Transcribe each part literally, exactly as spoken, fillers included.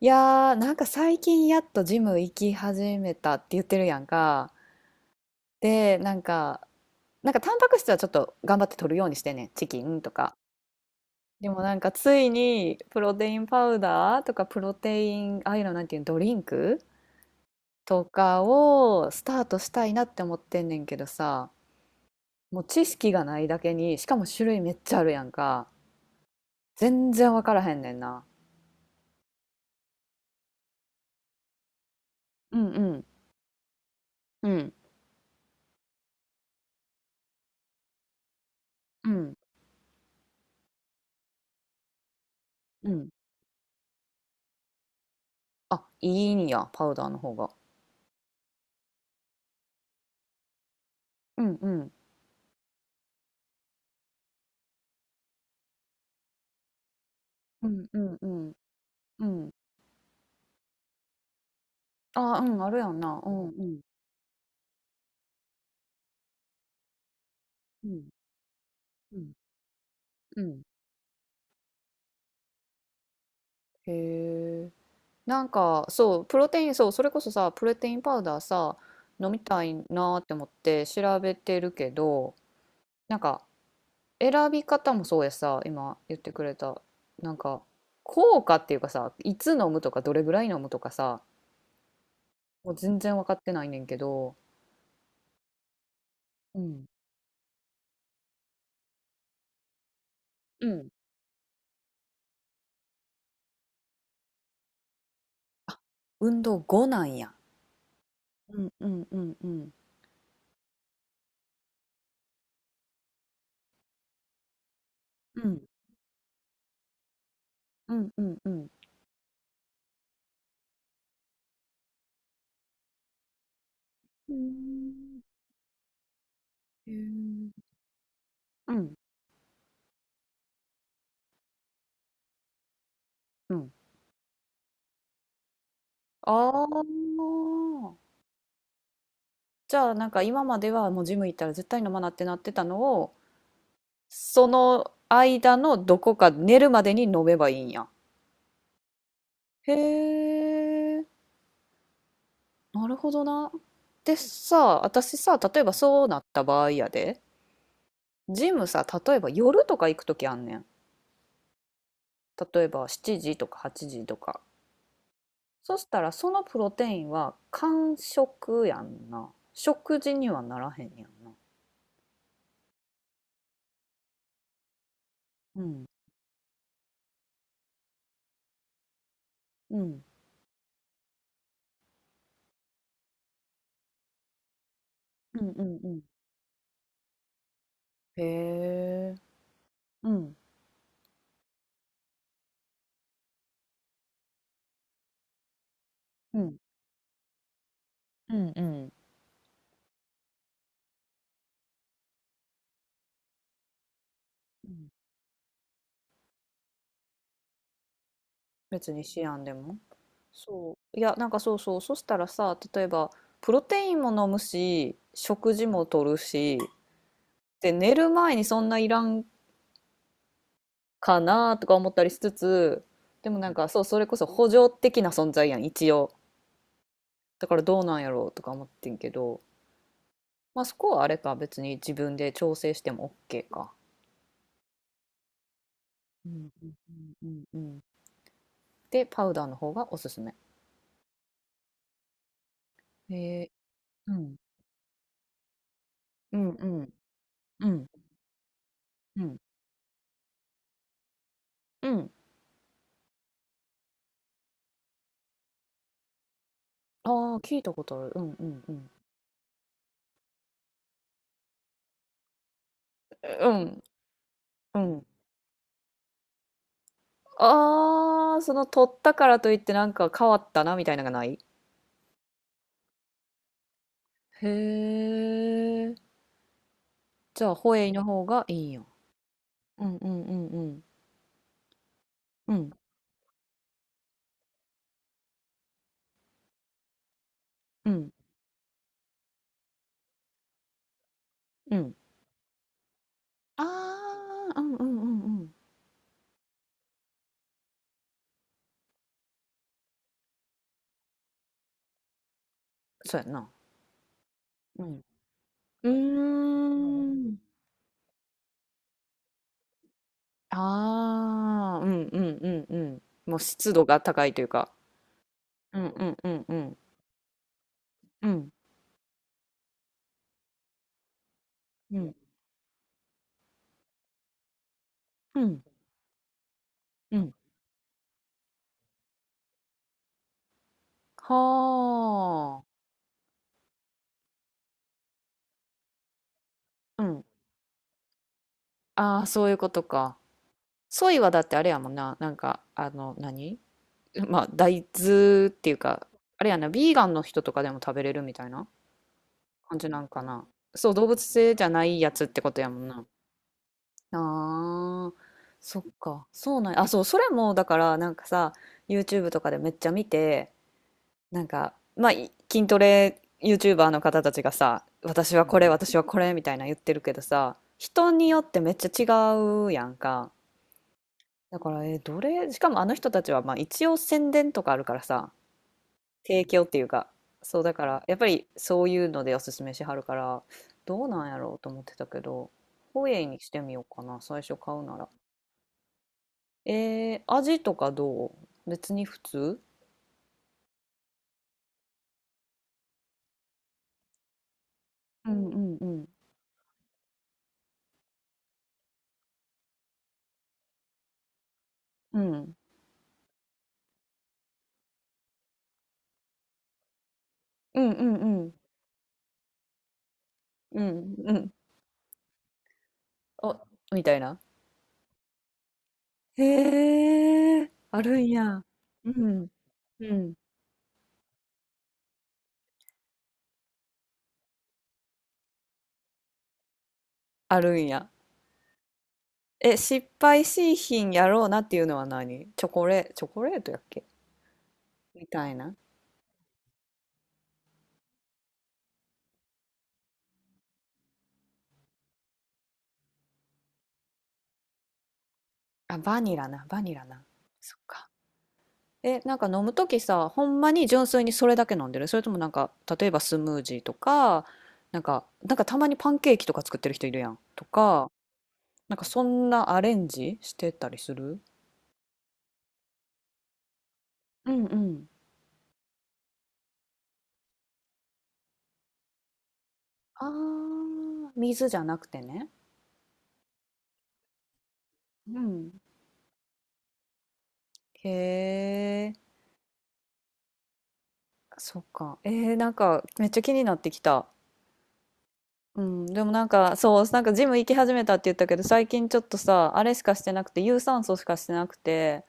いやーなんか最近やっとジム行き始めたって言ってるやんか。で、なんか、なんかタンパク質はちょっと頑張って取るようにしてんねん。チキンとか。でもなんかついにプロテインパウダーとかプロテイン、ああいうのなんていうのドリンクとかをスタートしたいなって思ってんねんけどさ、もう知識がないだけに、しかも種類めっちゃあるやんか。全然わからへんねんな。うんうん。うんうんうん。あ、いいんや、パウダーの方が。うんうん。うんうんうん。うん。ああ、うん、あるやんな。うんうんうんうんうん。へえ。なんか、そう、プロテイン、そう、それこそさ、プロテインパウダーさ、飲みたいなーって思って調べてるけど、なんか、選び方もそうやさ、今言ってくれた、なんか、効果っていうかさ、いつ飲むとか、どれぐらい飲むとかさ、もう全然分かってないねんけど、うん。うん。運動後なんや。うんうんうんうん。うんうんうんうん。うーん。へえ。うん、うん。ああ。じゃあ、なんか今まではもうジム行ったら絶対飲まなってなってたのを、その間のどこか寝るまでに飲めばいいんや。へえ、なるほどな。でさ、私さ、例えばそうなった場合やで、ジムさ、例えば夜とか行くときあんねん。例えばしちじとかはちじとか。そしたらそのプロテインは間食やんな。食事にはならへんやん。うん、うん、うんうんうん。へえ。うん、うん、うんうん。うん。別にシアンでもそう。いや、なんかそうそう、そしたらさ、例えば、プロテインも飲むし、食事もとるし、で、寝る前にそんないらんかなとか思ったりしつつ、でもなんかそう、それこそ補助的な存在やん、一応。だからどうなんやろうとか思ってんけど、まあそこはあれか、別に自分で調整しても OK か。うんうんうんうんうんで、パウダーの方がおすすめ。ええ、うん。うんうんうんうんうん。ああー、聞いたことある。うんうんうん。うん。うん。ああー、その取ったからといってなんか変わったなみたいなのがないへえ。じゃあ、ホエイの方がいいんや。うんうんうんうん。うんうんうん。ああ、うんうんうんうん。そうやんな。うん。うーん。ああ、うんうんうんうん。もう湿度が高いというか。うんうんうんうん。うん。うん。うん。うん。はあ。うん。ああ、そういうことか。ソイはだってあれやもんな。なんか、あの、何まあ、大豆っていうか、あれやな、ビーガンの人とかでも食べれるみたいな感じなんかな。そう、動物性じゃないやつってことやもんな。ああ、そっか。そうなんや。あ、そう、それも、だから、なんかさ、YouTube とかでめっちゃ見て、なんか、まあ、い筋トレ YouTuber の方たちがさ、私はこれ、私はこれみたいな言ってるけどさ、人によってめっちゃ違うやんか。だから、え、どれ、しかもあの人たちは、まあ、一応宣伝とかあるからさ、提供っていうか、そうだから、やっぱりそういうのでおすすめしはるから、どうなんやろうと思ってたけど、ホエイにしてみようかな、最初買うなら。えー、味とかどう別に普通うんうんうん。うん。うんうんうん。うんうんお、みたいな。へえ、あるんや。うん、うん、あるんや。え、失敗しいひんやろうなっていうのは何チョコレ、チョコレートやっけみたいな。あ、バニラな、バニラな。そっか。え、なんか飲むときさ、ほんまに純粋にそれだけ飲んでるそれともなんか、例えばスムージーとか、なんか、なんかたまにパンケーキとか作ってる人いるやん。とか、なんかそんなアレンジしてたりするうんうん。あー、水じゃなくてね。うん。へえ、そっか。えー、なんかめっちゃ気になってきた。うん、でもなんかそう、なんかジム行き始めたって言ったけど、最近ちょっとさ、あれしかしてなくて、有酸素しかしてなくて、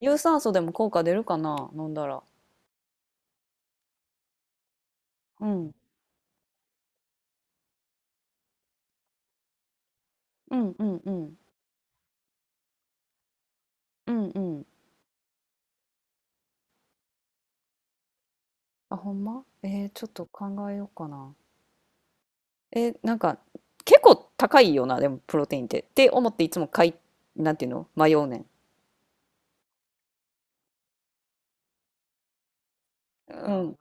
有酸素でも効果出るかな、飲んだら。うん、うんうんうん。うんうん。あ、ほんまえー、ちょっと考えようかな。えー、なんか結構高いよな、でもプロテインって。って思っていつも買い、なんていうの迷うねん。うん。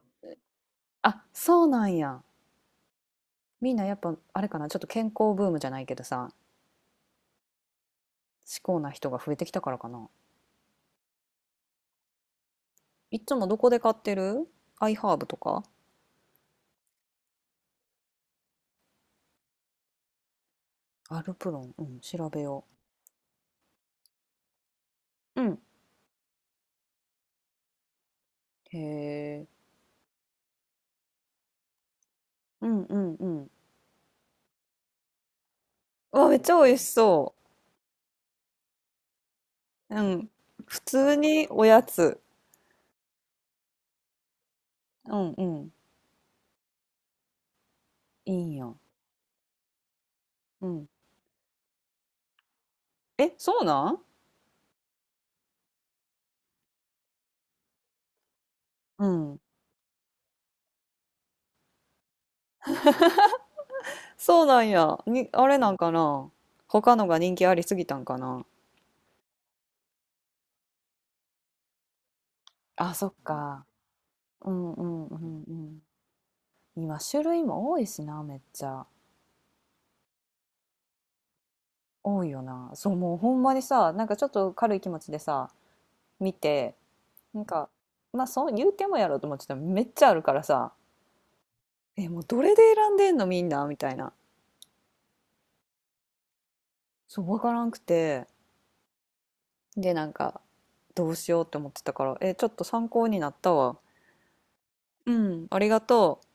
あ、そうなんや。みんなやっぱあれかな、ちょっと健康ブームじゃないけどさ、至高な人が増えてきたからかな。いつもどこで買ってるアイハーブとかアルプロン、うん、調べよう。うん。へえ。うんうんうん。うわ、めっちゃ美味しそう。うん。普通におやつ。うんうん。いいんや。うん。え、そうなんうん。そうなんや。に、あれなんかな。他のが人気ありすぎたんかな。あ、そっか。うんうんうんうん。今種類も多いしな、めっちゃ。多いよな。そう、もうほんまにさ、なんかちょっと軽い気持ちでさ、見て、なんか、まあそう言うてもやろうと思ってたらめっちゃあるからさ、え、もうどれで選んでんのみんなみたいな。そう、わからんくて。で、なんか、どうしようって思ってたから、え、ちょっと参考になったわ。うん、ありがとう。